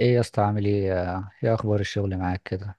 ايه يا اسطى؟ عامل ايه؟ ايه اخبار الشغل معاك كده؟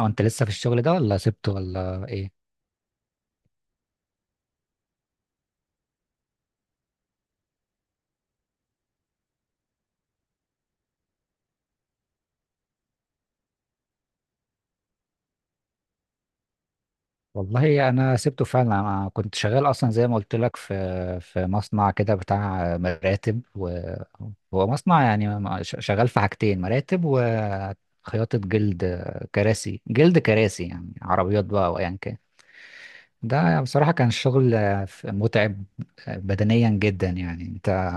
او انت لسه في الشغل ده ولا سبته ولا ايه؟ والله انا سبته فعلا. انا كنت شغال اصلا زي ما قلت لك في مصنع كده بتاع مراتب هو مصنع يعني شغال في حاجتين: مراتب وخياطة جلد، كراسي جلد، كراسي يعني عربيات بقى او ايا كان. ده بصراحة كان الشغل متعب بدنيا جدا. يعني انت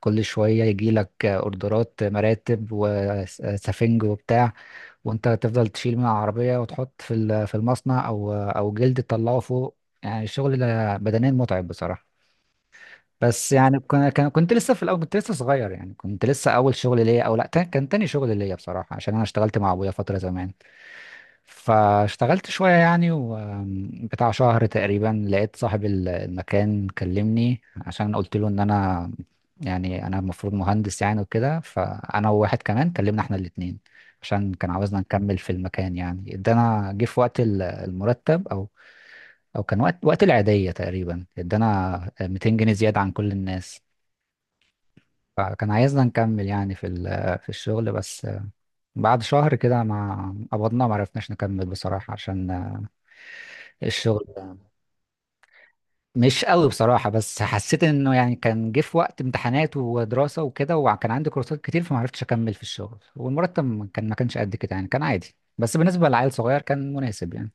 كل شوية يجيلك اوردرات مراتب وسفنج وبتاع، وانت تفضل تشيل من العربية وتحط في في المصنع او او جلد تطلعه فوق. يعني الشغل ده بدنيا متعب بصراحة. بس يعني كنت لسه في الاول، كنت لسه صغير يعني، كنت لسه اول شغل ليا او لا، كان تاني شغل ليا بصراحة، عشان انا اشتغلت مع ابويا فترة زمان. فاشتغلت شوية يعني وبتاع شهر تقريبا، لقيت صاحب المكان كلمني عشان قلت له ان انا، يعني انا المفروض مهندس يعني وكده، فانا وواحد كمان كلمنا احنا الاتنين عشان كان عاوزنا نكمل في المكان. يعني ادانا، جه في وقت المرتب او او كان وقت، وقت العيدية تقريبا، ادانا 200 جنيه زيادة عن كل الناس. فكان عايزنا نكمل يعني في في الشغل، بس بعد شهر كده ما قبضنا ما عرفناش نكمل بصراحة، عشان الشغل ده مش قوي بصراحة. بس حسيت انه يعني كان جه في وقت امتحانات ودراسة وكده، وكان عندي كورسات كتير، فما عرفتش اكمل في الشغل. والمرتب ما كانش قد كده يعني، كان عادي بس بالنسبة لعيل صغير كان مناسب يعني.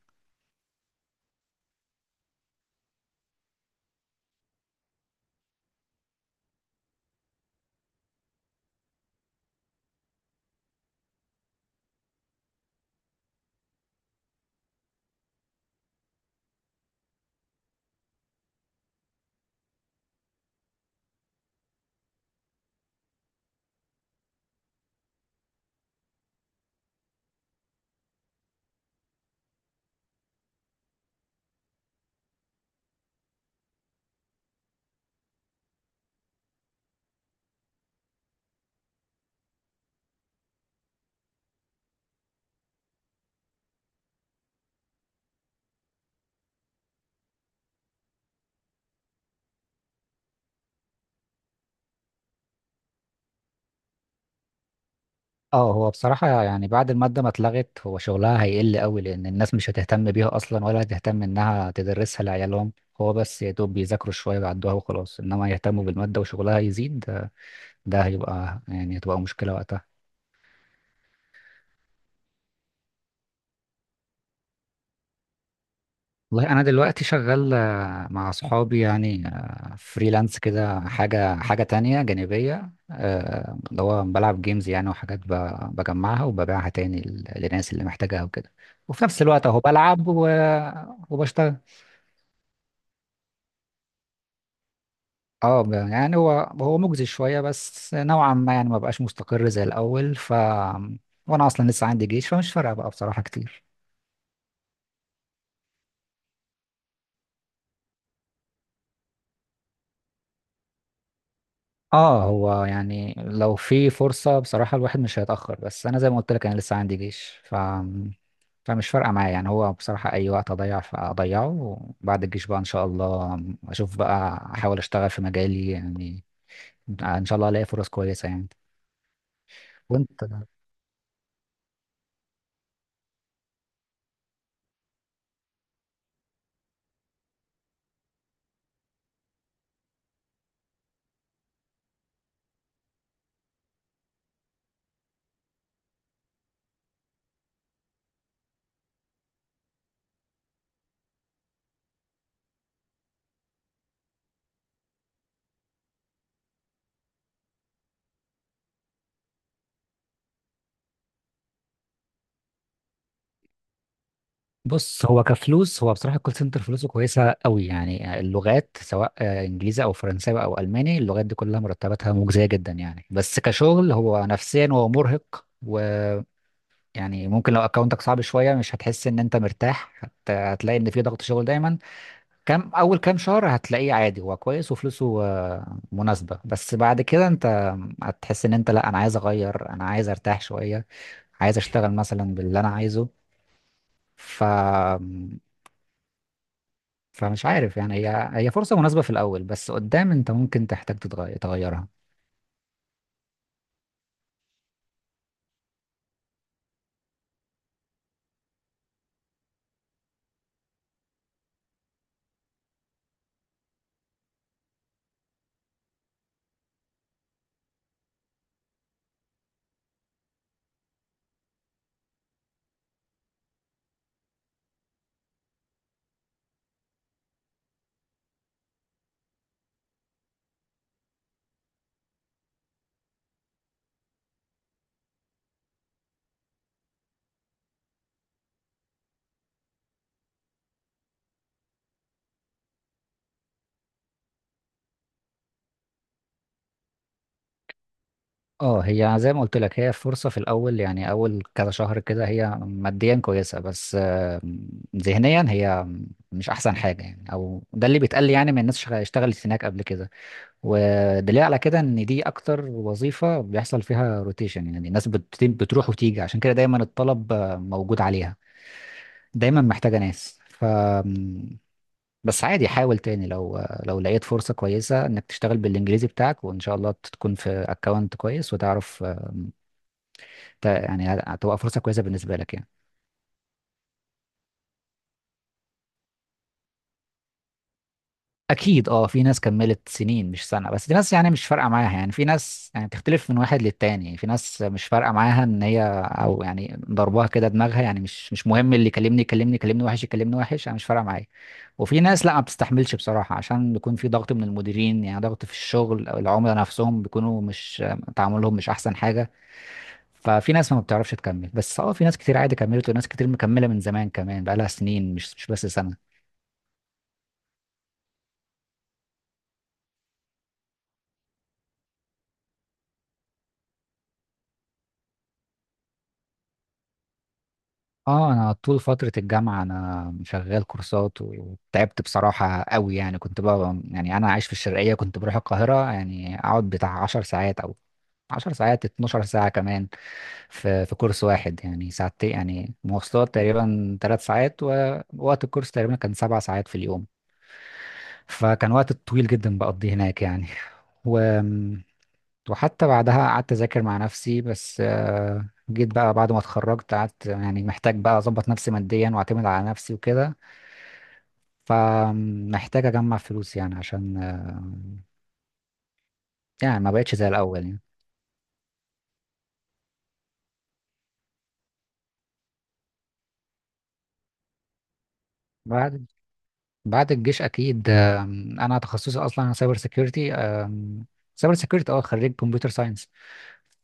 اه، هو بصراحة يعني بعد المادة ما اتلغت، هو شغلها هيقل قوي لان الناس مش هتهتم بيها اصلا، ولا هتهتم انها تدرسها لعيالهم. هو بس يا دوب بيذاكروا شوية ويعدوها وخلاص، انما يهتموا بالمادة وشغلها يزيد، ده هيبقى يعني هتبقى مشكلة وقتها. والله انا دلوقتي شغال مع صحابي يعني، فريلانس كده، حاجه تانية جانبيه، اللي هو بلعب جيمز يعني، وحاجات بجمعها وببيعها تاني للناس اللي محتاجاها وكده. وفي نفس الوقت اهو بلعب وبشتغل. اه، يعني هو مجزي شويه بس نوعا ما يعني، ما بقاش مستقر زي الاول. ف وانا اصلا لسه عندي جيش، فمش فارقه بقى بصراحه كتير. اه، هو يعني لو في فرصة بصراحة الواحد مش هيتأخر، بس أنا زي ما قلت لك أنا لسه عندي جيش، فمش فارقة معايا يعني. هو بصراحة أي وقت أضيع فأضيعه. وبعد الجيش بقى إن شاء الله أشوف بقى، أحاول أشتغل في مجالي يعني. إن شاء الله ألاقي فرص كويسة يعني. وأنت، بص، هو كفلوس، هو بصراحة الكول سنتر فلوسه كويسة قوي يعني. اللغات سواء إنجليزي أو فرنساوي أو ألماني، اللغات دي كلها مرتباتها مجزية جدا يعني. بس كشغل هو نفسيا هو مرهق. يعني ممكن لو اكونتك صعب شويه، مش هتحس ان انت مرتاح، هتلاقي ان في ضغط شغل دايما. كام شهر هتلاقيه عادي، هو كويس وفلوسه مناسبه، بس بعد كده انت هتحس ان انت لا، انا عايز اغير، انا عايز ارتاح شويه، عايز اشتغل مثلا باللي انا عايزه. ف فمش عارف يعني، هي فرصه مناسبه في الاول، بس قدام انت ممكن تحتاج تتغير تغيرها. اه، هي زي ما قلت لك، هي فرصة في الأول يعني أول كذا شهر كده، هي ماديا كويسة بس ذهنيا هي مش أحسن حاجة يعني، أو ده اللي بيتقال لي يعني. من الناس اشتغلت هناك قبل كده، ودليل على كده إن دي أكتر وظيفة بيحصل فيها روتيشن. يعني الناس بتروح وتيجي، عشان كده دايما الطلب موجود عليها، دايما محتاجة ناس. ف بس عادي حاول تاني، لو لو لقيت فرصة كويسة انك تشتغل بالانجليزي بتاعك، وان شاء الله تكون في اكونت كويس وتعرف يعني هتبقى فرصة كويسة بالنسبة لك يعني. أكيد أه، في ناس كملت سنين مش سنة بس، دي ناس يعني مش فارقة معاها يعني. في ناس يعني تختلف من واحد للتاني، في ناس مش فارقة معاها إن هي أو يعني ضربها كده دماغها يعني، مش مهم اللي يكلمني، يكلمني يكلمني وحش، يكلمني وحش، أنا مش فارقة معايا. وفي ناس لا ما بتستحملش بصراحة، عشان بيكون في ضغط من المديرين يعني، ضغط في الشغل أو العملاء نفسهم بيكونوا مش، تعاملهم مش أحسن حاجة. ففي ناس ما بتعرفش تكمل. بس اه في ناس كتير عادي كملت، وناس كتير مكملة من زمان كمان، بقالها سنين مش بس سنة. اه انا طول فترة الجامعة انا شغال كورسات، وتعبت بصراحة قوي يعني. كنت بقى يعني، انا عايش في الشرقية كنت بروح القاهرة يعني، اقعد بتاع 10 ساعات او 10 ساعات، 12 ساعة كمان في كورس واحد يعني. ساعتين يعني مواصلات تقريبا، 3 ساعات، ووقت الكورس تقريبا كان 7 ساعات في اليوم. فكان وقت طويل جدا بقضيه هناك يعني. وحتى بعدها قعدت أذاكر مع نفسي، بس جيت بقى بعد ما اتخرجت، قعدت يعني محتاج بقى أظبط نفسي ماديا وأعتمد على نفسي وكده، فمحتاج أجمع فلوس يعني عشان يعني ما بقتش زي الأول يعني. بعد بعد الجيش أكيد، أنا تخصصي أصلا سايبر سيكيورتي. سايبر سيكيورتي، أه، خريج كمبيوتر ساينس.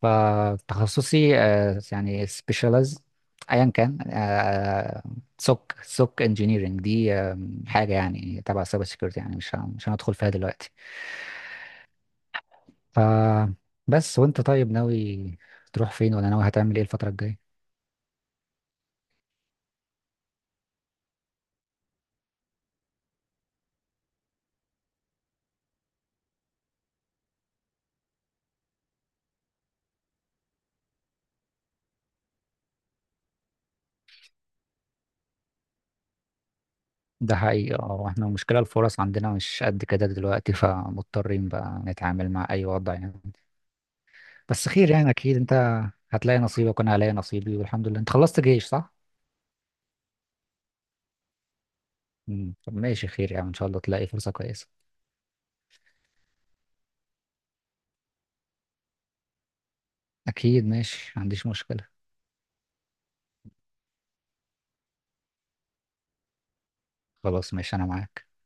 فتخصصي يعني سبيشالايز، ايا كان، سوك انجينيرنج دي، حاجه يعني تبع سايبر سيكيورتي. يعني مش هندخل فيها دلوقتي. ف بس وانت طيب، ناوي تروح فين؟ ولا ناوي هتعمل ايه الفتره الجايه؟ ده حقيقي، اه. احنا المشكله الفرص عندنا مش قد كده دلوقتي، فمضطرين بقى نتعامل مع اي وضع يعني. بس خير يعني، اكيد انت هتلاقي نصيبك وانا هلاقي نصيبي والحمد لله. انت خلصت جيش، صح؟ مم. طب ماشي، خير يعني ان شاء الله تلاقي فرصه كويسه. اكيد ماشي، ما عنديش مشكلة. خلاص ماشي انا معاك.